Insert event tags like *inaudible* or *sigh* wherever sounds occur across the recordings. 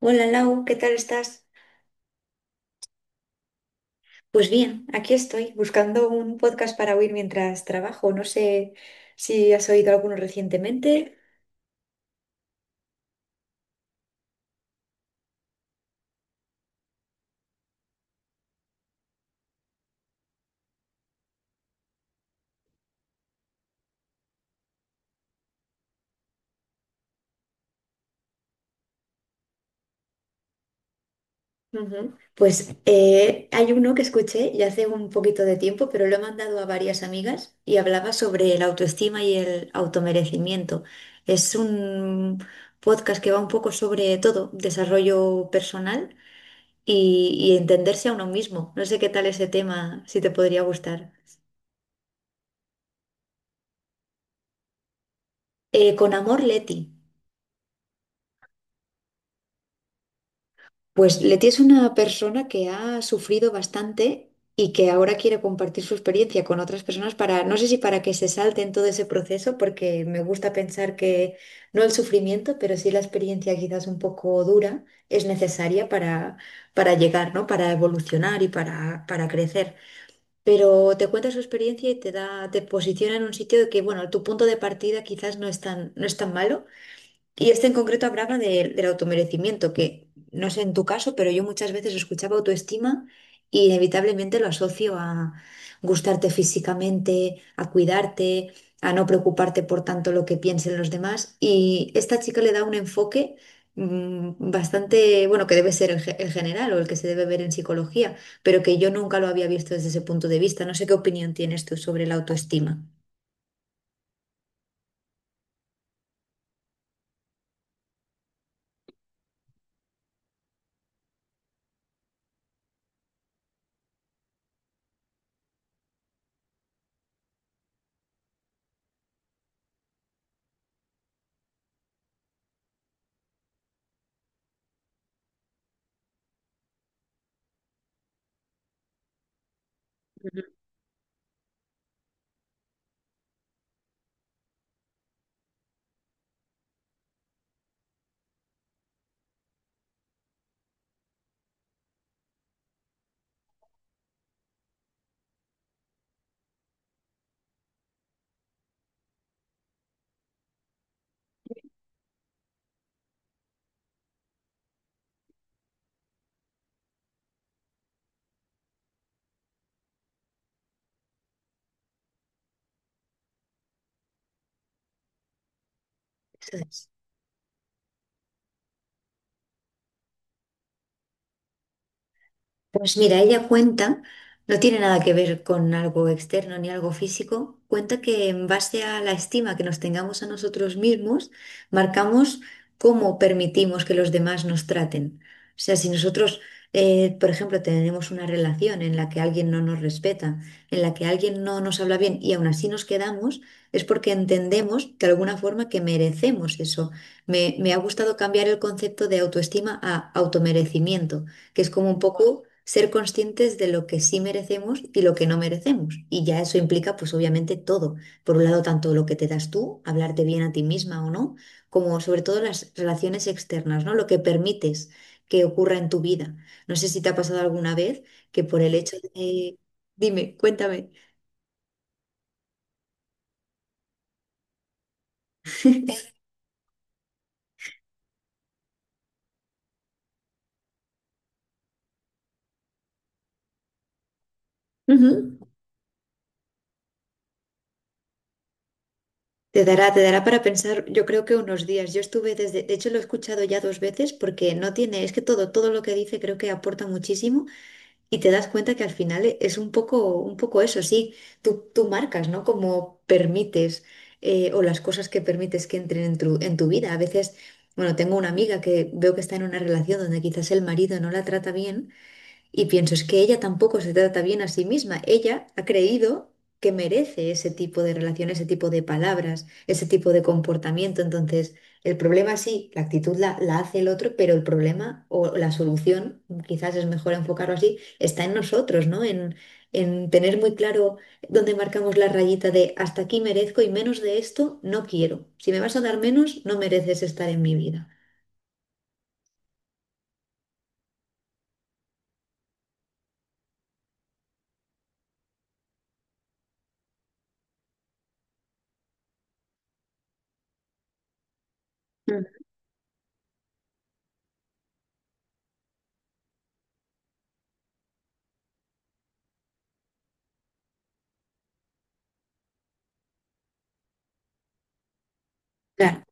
Hola Lau, ¿qué tal estás? Pues bien, aquí estoy buscando un podcast para oír mientras trabajo. No sé si has oído alguno recientemente. Ujú. Pues hay uno que escuché ya hace un poquito de tiempo, pero lo he mandado a varias amigas y hablaba sobre la autoestima y el automerecimiento. Es un podcast que va un poco sobre todo, desarrollo personal y entenderse a uno mismo. No sé qué tal ese tema, si te podría gustar. Con amor, Leti. Pues Leti es una persona que ha sufrido bastante y que ahora quiere compartir su experiencia con otras personas para, no sé si para que se salten todo ese proceso, porque me gusta pensar que no el sufrimiento, pero sí la experiencia quizás un poco dura es necesaria para llegar, ¿no? Para evolucionar y para crecer. Pero te cuenta su experiencia y te da, te posiciona en un sitio de que, bueno, tu punto de partida quizás no es tan, no es tan malo y este en concreto hablaba del automerecimiento, que no sé en tu caso, pero yo muchas veces escuchaba autoestima y inevitablemente lo asocio a gustarte físicamente, a cuidarte, a no preocuparte por tanto lo que piensen los demás. Y esta chica le da un enfoque bastante, bueno, que debe ser el general o el que se debe ver en psicología, pero que yo nunca lo había visto desde ese punto de vista. No sé qué opinión tienes tú sobre la autoestima. Pues mira, ella cuenta, no tiene nada que ver con algo externo ni algo físico, cuenta que en base a la estima que nos tengamos a nosotros mismos, marcamos cómo permitimos que los demás nos traten. O sea, si nosotros, por ejemplo, tenemos una relación en la que alguien no nos respeta, en la que alguien no nos habla bien y aún así nos quedamos, es porque entendemos de alguna forma que merecemos eso. Me ha gustado cambiar el concepto de autoestima a automerecimiento que es como un poco ser conscientes de lo que sí merecemos y lo que no merecemos. Y ya eso implica, pues obviamente, todo. Por un lado, tanto lo que te das tú, hablarte bien a ti misma o no, como sobre todo las relaciones externas, ¿no? Lo que permites que ocurra en tu vida. No sé si te ha pasado alguna vez que por el hecho de... Dime, cuéntame. Ujú. Te dará para pensar, yo creo que unos días. Yo estuve desde, de hecho lo he escuchado ya dos veces porque no tiene, es que todo, todo lo que dice creo que aporta muchísimo. Y te das cuenta que al final es un poco eso, sí, tú marcas, ¿no? Como permites o las cosas que permites que entren en en tu vida. A veces, bueno, tengo una amiga que veo que está en una relación donde quizás el marido no la trata bien y pienso, es que ella tampoco se trata bien a sí misma. Ella ha creído que merece ese tipo de relación, ese tipo de palabras, ese tipo de comportamiento. Entonces, el problema sí, la actitud la hace el otro, pero el problema o la solución, quizás es mejor enfocarlo así, está en nosotros, ¿no? En tener muy claro dónde marcamos la rayita de hasta aquí merezco y menos de esto no quiero. Si me vas a dar menos, no mereces estar en mi vida. Mm. Claro.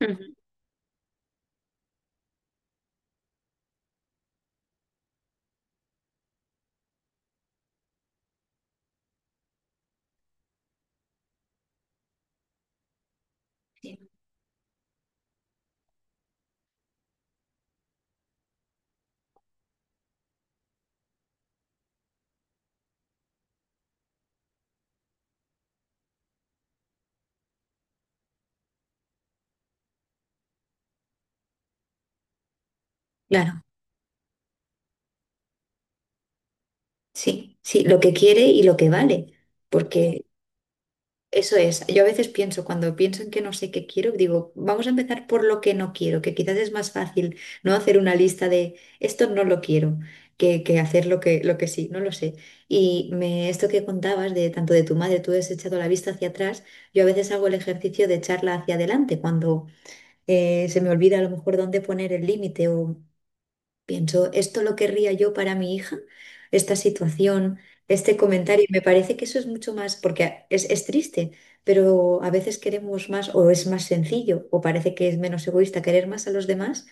Ujú. Sí. Claro. Sí, sí, lo que quiere y lo que vale. Sí, porque eso es. Yo a veces pienso, cuando pienso en que no sé qué quiero, digo, vamos a empezar por lo que no quiero, que quizás es más fácil no hacer una lista de esto no lo quiero, que hacer lo lo que sí, no lo sé. Y esto que contabas de tanto de tu madre, tú has echado la vista hacia atrás, yo a veces hago el ejercicio de echarla hacia adelante cuando se me olvida a lo mejor dónde poner el límite o pienso, ¿esto lo querría yo para mi hija? Esta situación, este comentario, me parece que eso es mucho más, porque es triste, pero a veces queremos más o es más sencillo o parece que es menos egoísta querer más a los demás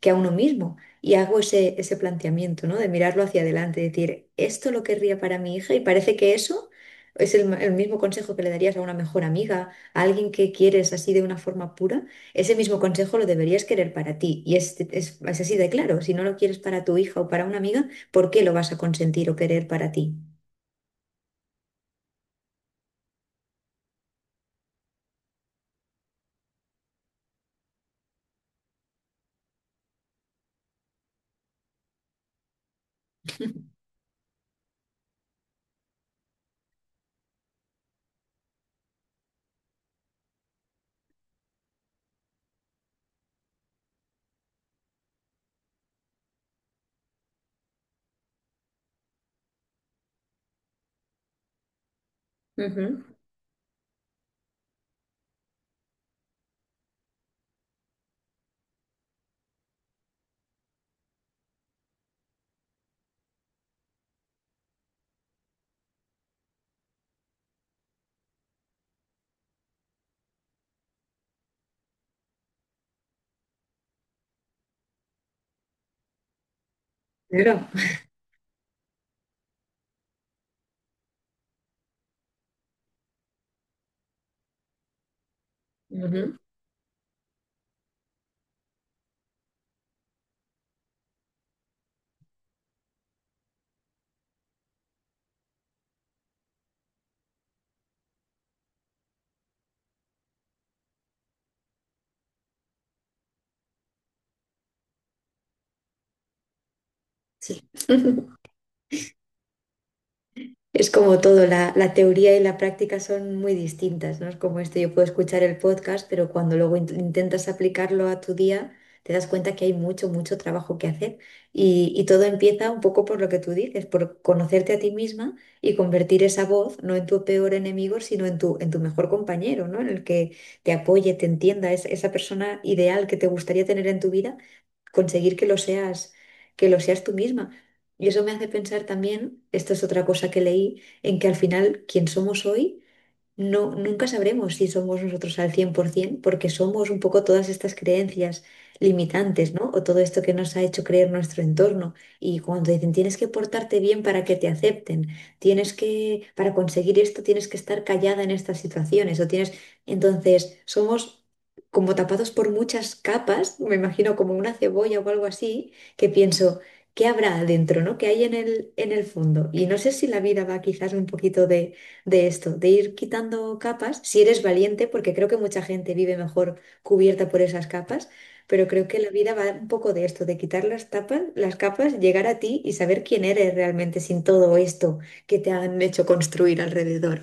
que a uno mismo. Y hago ese planteamiento, ¿no? De mirarlo hacia adelante, decir, ¿esto lo querría para mi hija? Y parece que eso es el mismo consejo que le darías a una mejor amiga, a alguien que quieres así de una forma pura. Ese mismo consejo lo deberías querer para ti. Y es así de claro. Si no lo quieres para tu hija o para una amiga, ¿por qué lo vas a consentir o querer para ti? Ujú. Claro. Ujú. Sí. *laughs* Es como todo, la teoría y la práctica son muy distintas, ¿no? Es como esto, yo puedo escuchar el podcast, pero cuando luego intentas aplicarlo a tu día, te das cuenta que hay mucho, mucho trabajo que hacer. Y todo empieza un poco por lo que tú dices, por conocerte a ti misma y convertir esa voz no en tu peor enemigo, sino en en tu mejor compañero, ¿no? En el que te apoye, te entienda, es esa persona ideal que te gustaría tener en tu vida conseguir que lo seas tú misma. Y eso me hace pensar también, esto es otra cosa que leí, en que al final quien somos hoy no, nunca sabremos si somos nosotros al 100% porque somos un poco todas estas creencias limitantes, ¿no? O todo esto que nos ha hecho creer nuestro entorno. Y cuando dicen, tienes que portarte bien para que te acepten, tienes que, para conseguir esto, tienes que estar callada en estas situaciones, o tienes, entonces, somos como tapados por muchas capas, me imagino como una cebolla o algo así, que pienso, ¿qué habrá adentro, ¿no? ¿Qué hay en en el fondo? Y no sé si la vida va quizás un poquito de esto, de ir quitando capas, si eres valiente, porque creo que mucha gente vive mejor cubierta por esas capas, pero creo que la vida va un poco de esto, de quitar las tapas, las capas, llegar a ti y saber quién eres realmente sin todo esto que te han hecho construir alrededor.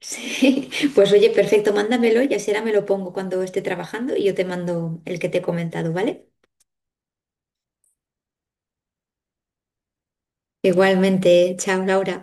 Sí, *laughs* pues oye, perfecto, mándamelo y así ahora me lo pongo cuando esté trabajando y yo te mando el que te he comentado, ¿vale? Igualmente, chao Laura.